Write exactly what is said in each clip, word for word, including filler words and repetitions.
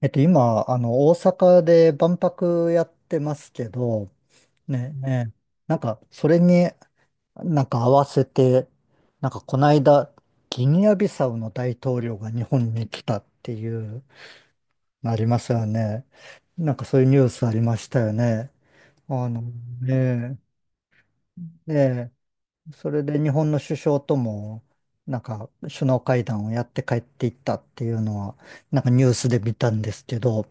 えっと、今、あの、大阪で万博やってますけど、ね、ね、なんか、それになんか合わせて、なんか、この間、ギニアビサウの大統領が日本に来たっていう、ありますよね。なんか、そういうニュースありましたよね。あの、ね、ね、それで日本の首相とも、なんか、首脳会談をやって帰っていったっていうのは、なんかニュースで見たんですけど、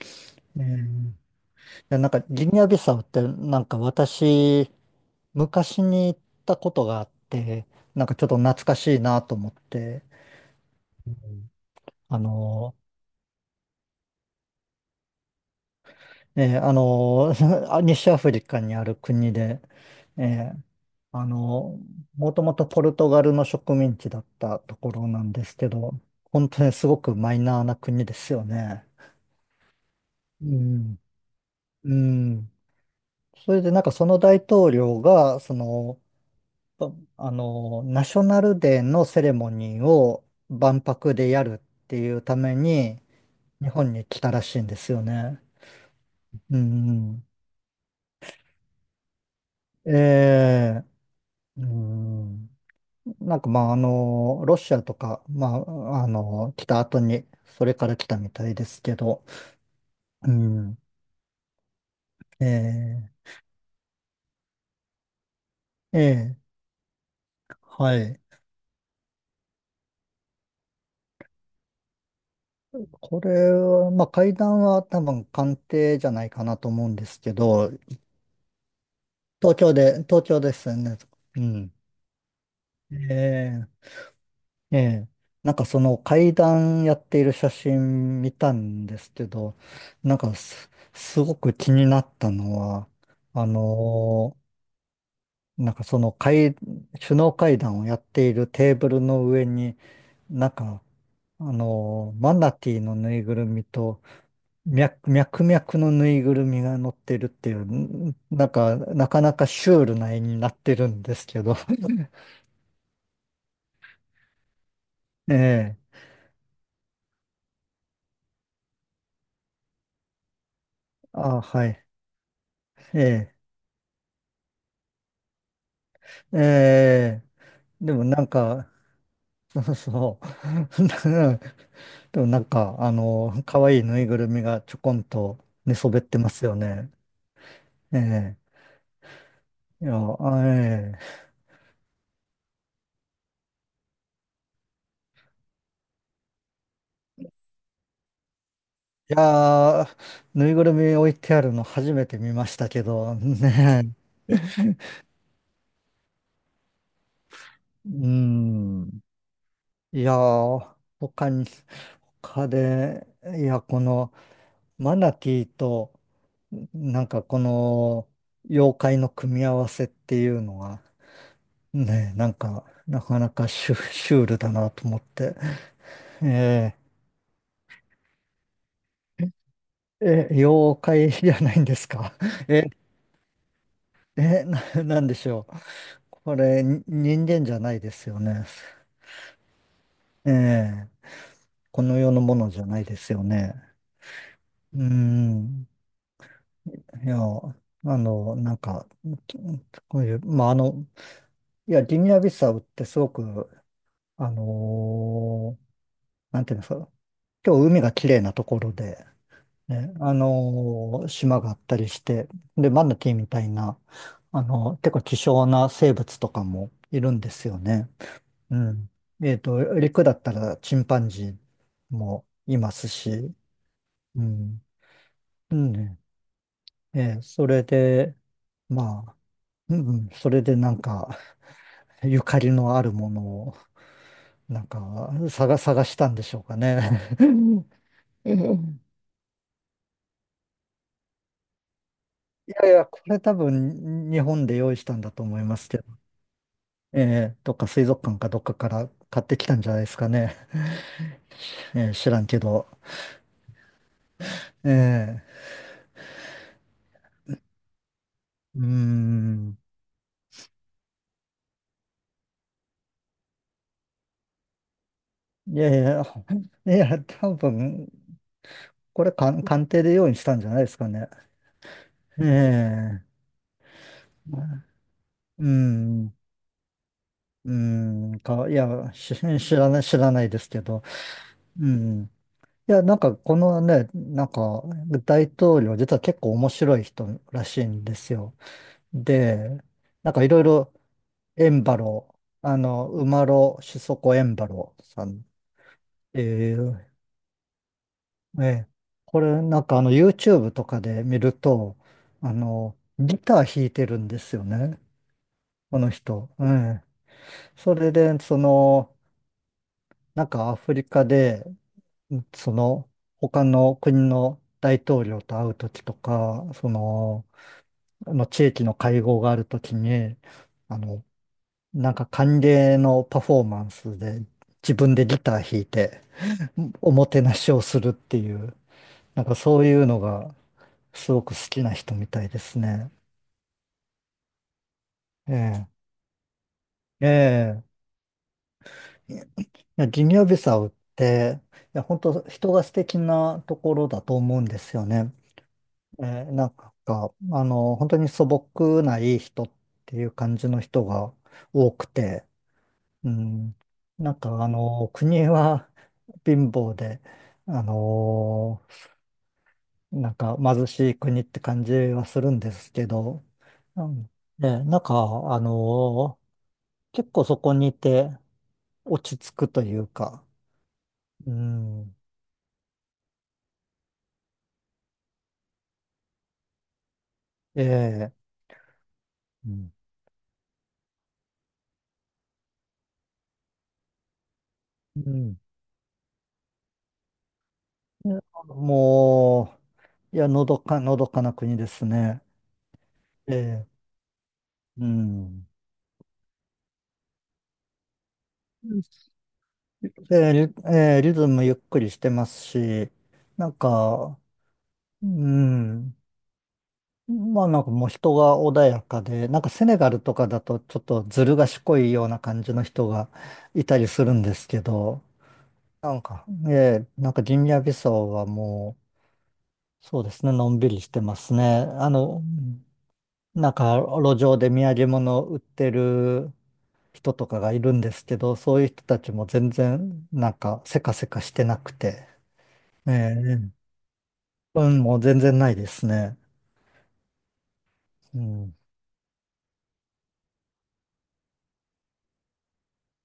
ね。や、なんかギニアビサウってなんか私、昔に行ったことがあって、なんかちょっと懐かしいなと思って。あの、えーあの、あ、西アフリカにある国で、えーあの、もともとポルトガルの植民地だったところなんですけど、本当にすごくマイナーな国ですよね。うん。うん。それでなんかその大統領が、その、とあの、ナショナルデーのセレモニーを万博でやるっていうために、日本に来たらしいんですよね。うんうん。ええ、うん。なんかまあ、あの、ロシアとか、まあ、あの、来た後に、それから来たみたいですけど、うん。ええ、ええ、はい。これは、まあ、会談は多分官邸じゃないかなと思うんですけど、東京で、東京ですよね。うん。ええ、ええ。なんかその階段やっている写真見たんですけど、なんかす、すごく気になったのは、あのーなんかその階、首脳会談をやっているテーブルの上に、なんか、あのーマナティーのぬいぐるみと、脈、脈々のぬいぐるみが乗ってるっていう、んなんか、なかなかシュールな絵になってるんですけど。ええ、あ、はい、ええ。ええ、でもなんか、そうそう。でもなんか、あの、可愛いぬいぐるみがちょこんと寝そべってますよね。ええ、いや、あ、ええ、いやー、ぬいぐるみ置いてあるの初めて見ましたけど、ねえ。うん。いやー、他に、他で、いや、この、マナティーと、なんかこの、妖怪の組み合わせっていうのは、ねえ、なんか、なかなかシュ、シュールだなと思って。えー、え、妖怪じゃないんですか？ え、え、な、なんでしょう。これ、に人間じゃないですよね。ええ、この世のものじゃないですよね。うーん。いや、あの、なんか、こういう、まあ、あの、いや、ギニアビサウってすごく、あのーなんていうんですか、今日海が綺麗なところで、ね、あのー島があったりして、で、マナティーみたいな、あの結構希少な生物とかもいるんですよね。うん。えっと、陸だったらチンパンジーもいますし、うん。うんね。ええ、それで、まあ、うんうん、それでなんか、ゆかりのあるものを、なんか、探、探したんでしょうかね。いやいや、これ多分日本で用意したんだと思いますけど、えー、どっか水族館かどっかから買ってきたんじゃないですかね。えー、知らんけど。えー、うーん。いやいや、いや、多分、これ鑑鑑定で用意したんじゃないですかね。ええ、うん、うん、か、いや、し知らない、知らないですけど。うん。いや、なんか、このね、なんか、大統領、実は結構面白い人らしいんですよ。で、なんかいろいろエンバロー、あの、馬呂シソコエンバローさんっていう、えー、えー、これなんかあの YouTube とかで見ると、あの、ギター弾いてるんですよね、この人。ええ、それで、その、なんかアフリカで、その、他の国の大統領と会うときとか、その、あの地域の会合があるときに、あの、なんか歓迎のパフォーマンスで自分でギター弾いて、おもてなしをするっていう、なんかそういうのがすごく好きな人みたいですね。ええ、ええ。いや、ギニアビサウって、いや、本当人が素敵なところだと思うんですよね。ええ、なんか、あの、本当に素朴ないい人っていう感じの人が多くて、うん、なんかあの、国は貧乏で、あの、なんか貧しい国って感じはするんですけど、うん、で、なんか、あのー結構そこにいて落ち着くというか、うん、ええ、うん、うんで、もう、いや、のどか、のどかな国ですね。ええ、うん。で、リええ、リズムゆっくりしてますし、なんか、うん、まあなんかもう人が穏やかで、なんかセネガルとかだとちょっとずる賢いような感じの人がいたりするんですけど、なんか、ええ、なんかギニアビサウはもう、そうですね、のんびりしてますね。あの、なんか路上で土産物売ってる人とかがいるんですけど、そういう人たちも全然なんかせかせかしてなくて、ええ、うん、もう全然ないですね。うん、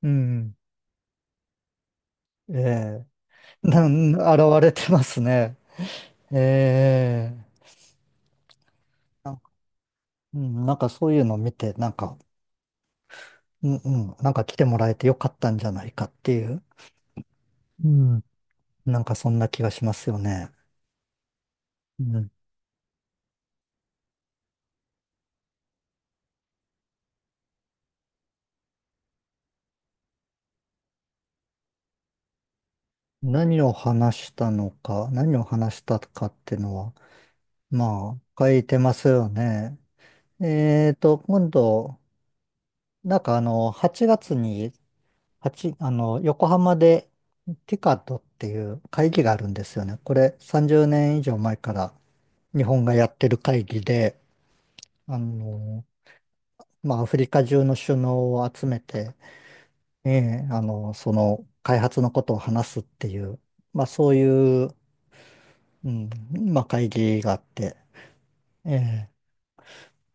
うん、ええ。なん、現れてますね。ええ、なんか、うん、なんかそういうのを見て、なんか、うんうん、なんか来てもらえてよかったんじゃないかっていう、うん、なんかそんな気がしますよね。うん、何を話したのか、何を話したかっていうのは、まあ、書いてますよね。えーと、今度、なんかあの、はちがつにはちあの、横浜でティカトっていう会議があるんですよね。これさんじゅうねん以上前から日本がやってる会議で、あの、まあ、アフリカ中の首脳を集めて、ええ、あの、その開発のことを話すっていう、まあ、そういう、うん、まあ、会議があって、ええ、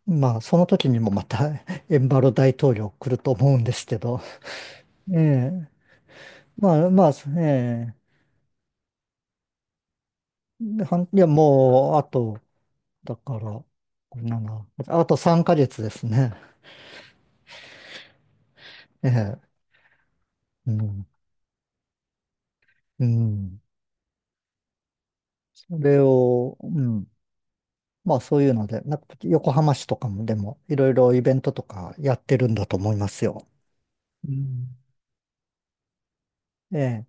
まあ、その時にもまた エンバロ大統領来ると思うんですけど、ええ、まあ、まあ、ええ、ではんいや、もう、あと、だから、しち、あとさんかげつですね。ええ、うん、うん。それを、うん。まあそういうので、なんか横浜市とかもでも、いろいろイベントとかやってるんだと思いますよ。うん。ええ、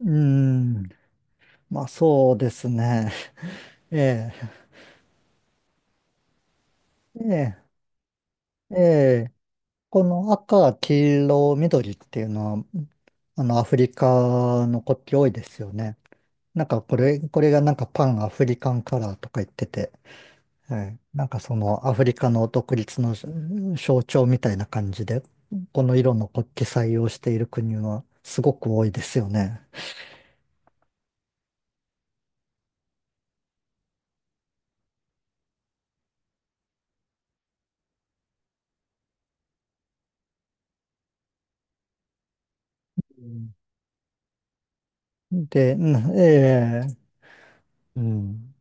うん。まあそうですね。ええ、ええ、ええ。この赤、黄色、緑っていうのは、あの、アフリカの国旗多いですよね。なんかこれ、これがなんかパンアフリカンカラーとか言ってて、はい。なんかそのアフリカの独立の象徴みたいな感じで、この色の国旗採用している国はすごく多いですよね。うんで、うんええうん。